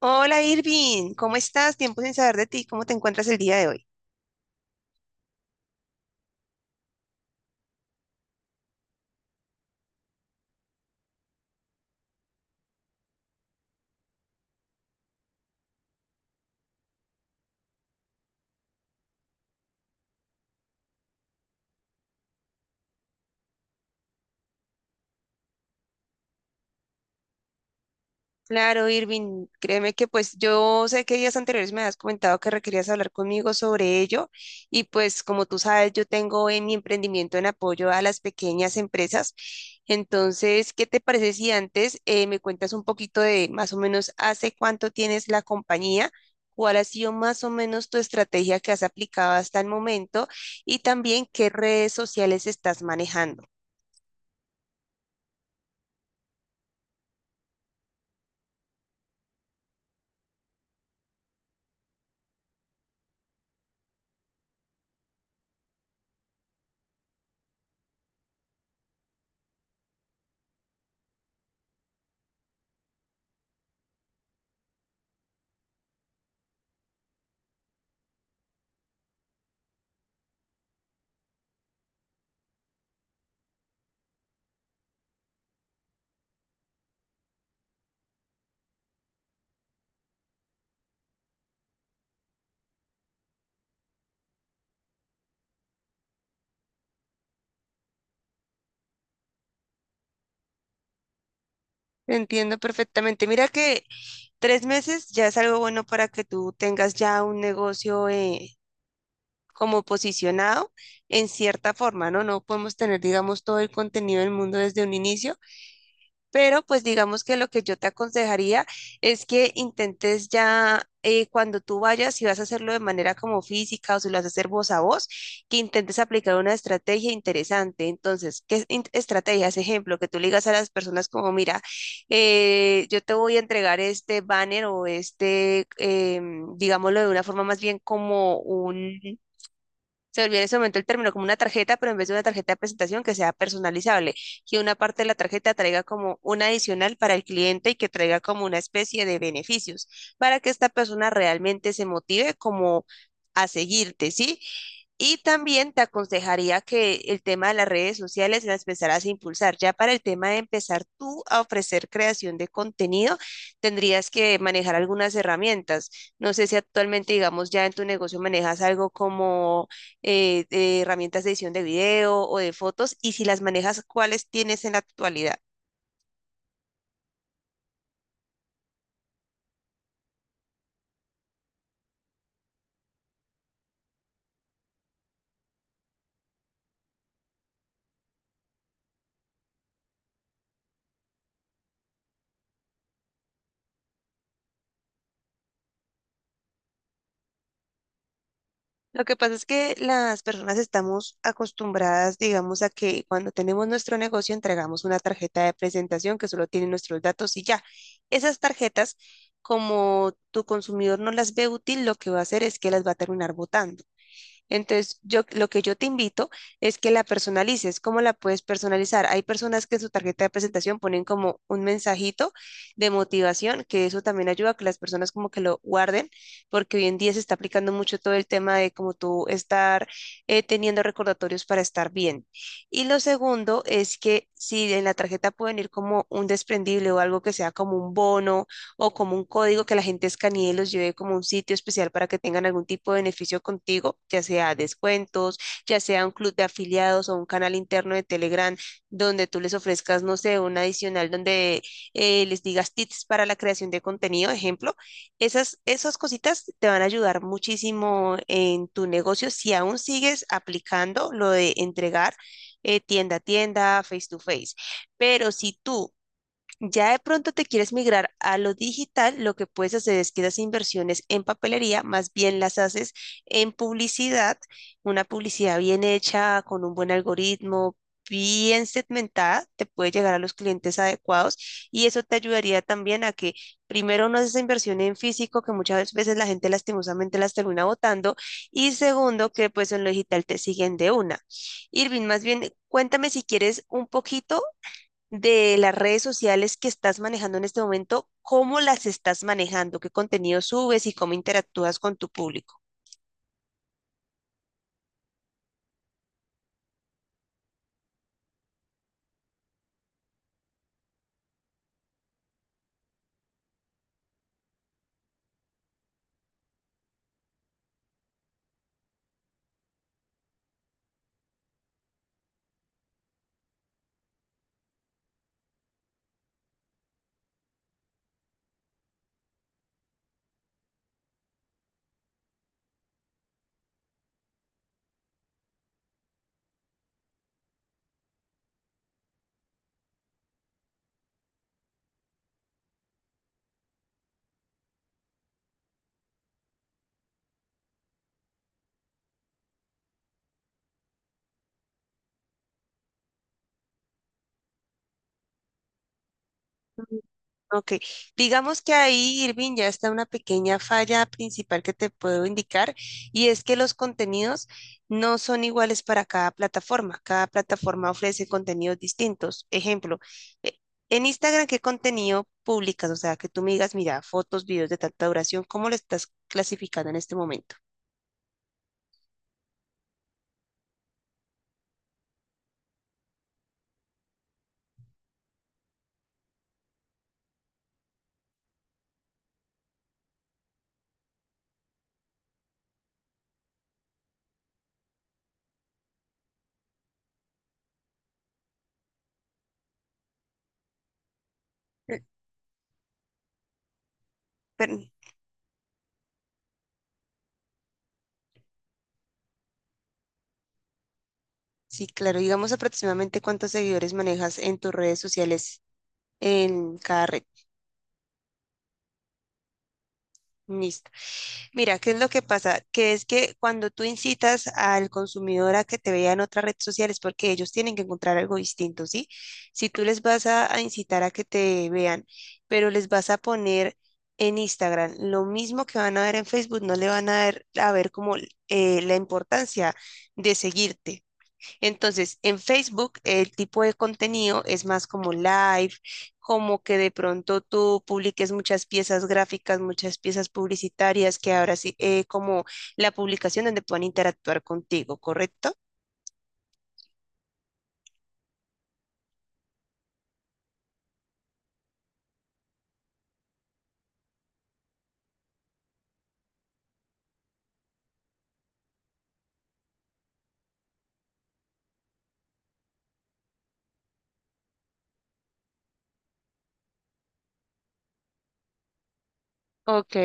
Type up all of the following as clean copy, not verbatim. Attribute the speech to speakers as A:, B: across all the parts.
A: Hola Irving, ¿cómo estás? Tiempo sin saber de ti, ¿cómo te encuentras el día de hoy? Claro, Irving, créeme que pues yo sé que días anteriores me has comentado que requerías hablar conmigo sobre ello y pues como tú sabes, yo tengo en mi emprendimiento en apoyo a las pequeñas empresas. Entonces, ¿qué te parece si antes me cuentas un poquito de más o menos hace cuánto tienes la compañía? ¿Cuál ha sido más o menos tu estrategia que has aplicado hasta el momento? Y también qué redes sociales estás manejando. Entiendo perfectamente. Mira que 3 meses ya es algo bueno para que tú tengas ya un negocio como posicionado en cierta forma, ¿no? No podemos tener, digamos, todo el contenido del mundo desde un inicio, pero pues digamos que lo que yo te aconsejaría es que intentes ya cuando tú vayas, si vas a hacerlo de manera como física o si lo vas a hacer voz a voz, que intentes aplicar una estrategia interesante. Entonces, ¿qué estrategias? Ejemplo, que tú le digas a las personas como, mira, yo te voy a entregar este banner o este, digámoslo de una forma más bien como un se volvió en ese momento el término como una tarjeta, pero en vez de una tarjeta de presentación que sea personalizable, que una parte de la tarjeta traiga como un adicional para el cliente y que traiga como una especie de beneficios para que esta persona realmente se motive como a seguirte, ¿sí? Y también te aconsejaría que el tema de las redes sociales las empezaras a impulsar. Ya para el tema de empezar tú a ofrecer creación de contenido, tendrías que manejar algunas herramientas. No sé si actualmente, digamos, ya en tu negocio manejas algo como herramientas de edición de video o de fotos, y si las manejas, ¿cuáles tienes en la actualidad? Lo que pasa es que las personas estamos acostumbradas, digamos, a que cuando tenemos nuestro negocio entregamos una tarjeta de presentación que solo tiene nuestros datos y ya. Esas tarjetas, como tu consumidor no las ve útil, lo que va a hacer es que las va a terminar botando. Entonces, yo lo que yo te invito es que la personalices. ¿Cómo la puedes personalizar? Hay personas que en su tarjeta de presentación ponen como un mensajito de motivación, que eso también ayuda a que las personas como que lo guarden, porque hoy en día se está aplicando mucho todo el tema de como tú estar teniendo recordatorios para estar bien. Y lo segundo es que si en la tarjeta pueden ir como un desprendible o algo que sea como un bono o como un código que la gente escanee y los lleve como un sitio especial para que tengan algún tipo de beneficio contigo, ya sea descuentos, ya sea un club de afiliados o un canal interno de Telegram donde tú les ofrezcas, no sé, un adicional donde les digas tips para la creación de contenido, ejemplo. Esas cositas te van a ayudar muchísimo en tu negocio si aún sigues aplicando lo de entregar tienda a tienda, face to face. Pero si tú ya de pronto te quieres migrar a lo digital, lo que puedes hacer es que esas inversiones en papelería más bien las haces en publicidad, una publicidad bien hecha, con un buen algoritmo, bien segmentada, te puede llegar a los clientes adecuados y eso te ayudaría también a que primero no haces esa inversión en físico, que muchas veces la gente lastimosamente las termina botando y segundo, que pues en lo digital te siguen de una. Irving, más bien, cuéntame si quieres un poquito de las redes sociales que estás manejando en este momento, cómo las estás manejando, qué contenido subes y cómo interactúas con tu público. Mm. Ok, digamos que ahí, Irving, ya está una pequeña falla principal que te puedo indicar y es que los contenidos no son iguales para cada plataforma. Cada plataforma ofrece contenidos distintos. Ejemplo, eh, en Instagram, ¿qué contenido publicas? O sea, que tú me digas, mira, fotos, videos de tanta duración, ¿cómo lo estás clasificando en este momento? Eh, pero- sí, claro. Digamos aproximadamente cuántos seguidores manejas en tus redes sociales en cada red. Listo. Mira, ¿qué es lo que pasa? Que es que cuando tú incitas al consumidor a que te vea en otra red social es porque ellos tienen que encontrar algo distinto, ¿sí? Si tú les vas a incitar a que te vean, pero les vas a poner en Instagram lo mismo que van a ver en Facebook, no le van a ver como la importancia de seguirte. Entonces, en Facebook el tipo de contenido es más como live, como que de pronto tú publiques muchas piezas gráficas, muchas piezas publicitarias, que ahora sí, como la publicación donde puedan interactuar contigo, ¿correcto? Ok.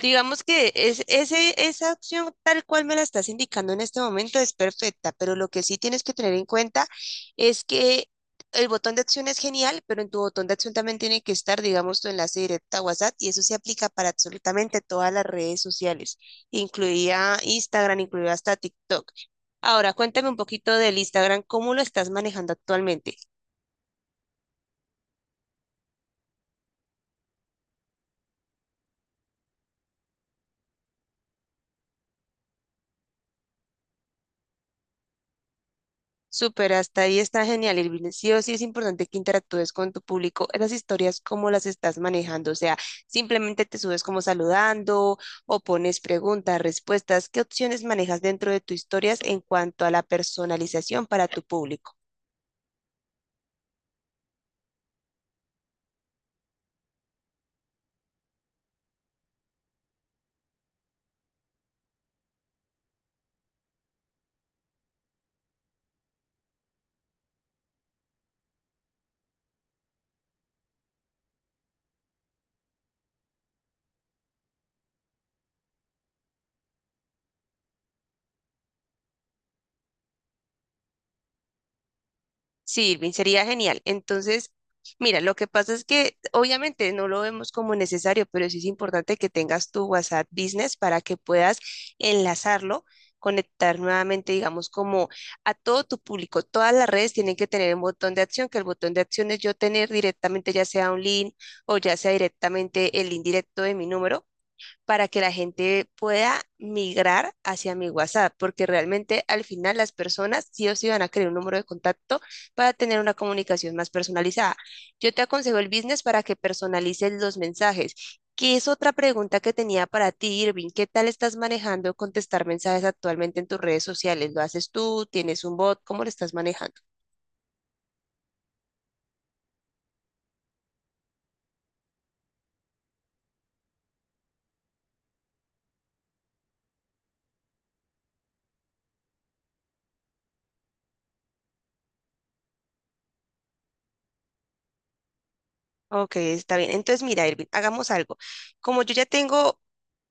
A: Digamos que esa opción tal cual me la estás indicando en este momento es perfecta, pero lo que sí tienes que tener en cuenta es que el botón de acción es genial, pero en tu botón de acción también tiene que estar, digamos, tu enlace directo a WhatsApp y eso se aplica para absolutamente todas las redes sociales, incluida Instagram, incluida hasta TikTok. Ahora, cuéntame un poquito del Instagram, ¿cómo lo estás manejando actualmente? Súper, hasta ahí está genial, Irving. Sí o sí es importante que interactúes con tu público. Esas historias, cómo las estás manejando. O sea, simplemente te subes como saludando o pones preguntas, respuestas. ¿Qué opciones manejas dentro de tus historias en cuanto a la personalización para tu público? Sí, Irving, sería genial. Entonces, mira, lo que pasa es que obviamente no lo vemos como necesario, pero sí es importante que tengas tu WhatsApp Business para que puedas enlazarlo, conectar nuevamente, digamos, como a todo tu público. Todas las redes tienen que tener un botón de acción, que el botón de acción es yo tener directamente ya sea un link o ya sea directamente el link directo de mi número para que la gente pueda migrar hacia mi WhatsApp, porque realmente al final las personas sí o sí van a querer un número de contacto para tener una comunicación más personalizada. Yo te aconsejo el business para que personalices los mensajes. ¿Qué es otra pregunta que tenía para ti, Irving? ¿Qué tal estás manejando contestar mensajes actualmente en tus redes sociales? ¿Lo haces tú? ¿Tienes un bot? ¿Cómo lo estás manejando? Ok, está bien. Entonces, mira, Irving, hagamos algo. Como yo ya tengo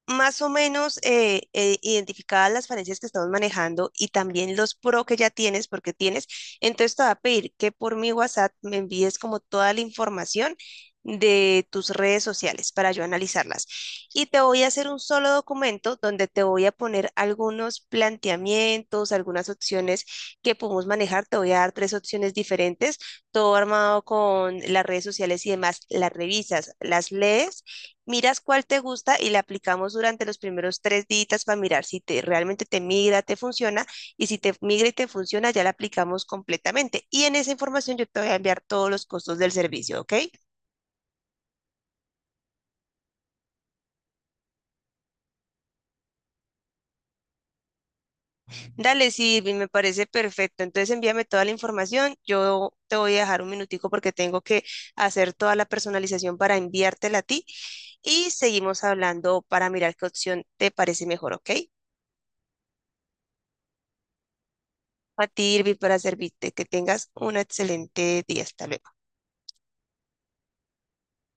A: más o menos identificadas las falencias que estamos manejando y también los pro que ya tienes, porque tienes, entonces te va a pedir que por mi WhatsApp me envíes como toda la información de tus redes sociales para yo analizarlas. Y te voy a hacer un solo documento donde te voy a poner algunos planteamientos, algunas opciones que podemos manejar. Te voy a dar 3 opciones diferentes, todo armado con las redes sociales y demás. Las revisas, las lees miras cuál te gusta y la aplicamos durante los primeros 3 días para mirar si te, realmente te migra, te funciona, y si te migra y te funciona, ya la aplicamos completamente. Y en esa información yo te voy a enviar todos los costos del servicio, ¿ok? Dale, Silvi, me parece perfecto. Entonces envíame toda la información. Yo te voy a dejar un minutico porque tengo que hacer toda la personalización para enviártela a ti y seguimos hablando para mirar qué opción te parece mejor, ¿ok? A ti, Irvi, para servirte. Que tengas un excelente día. Hasta luego.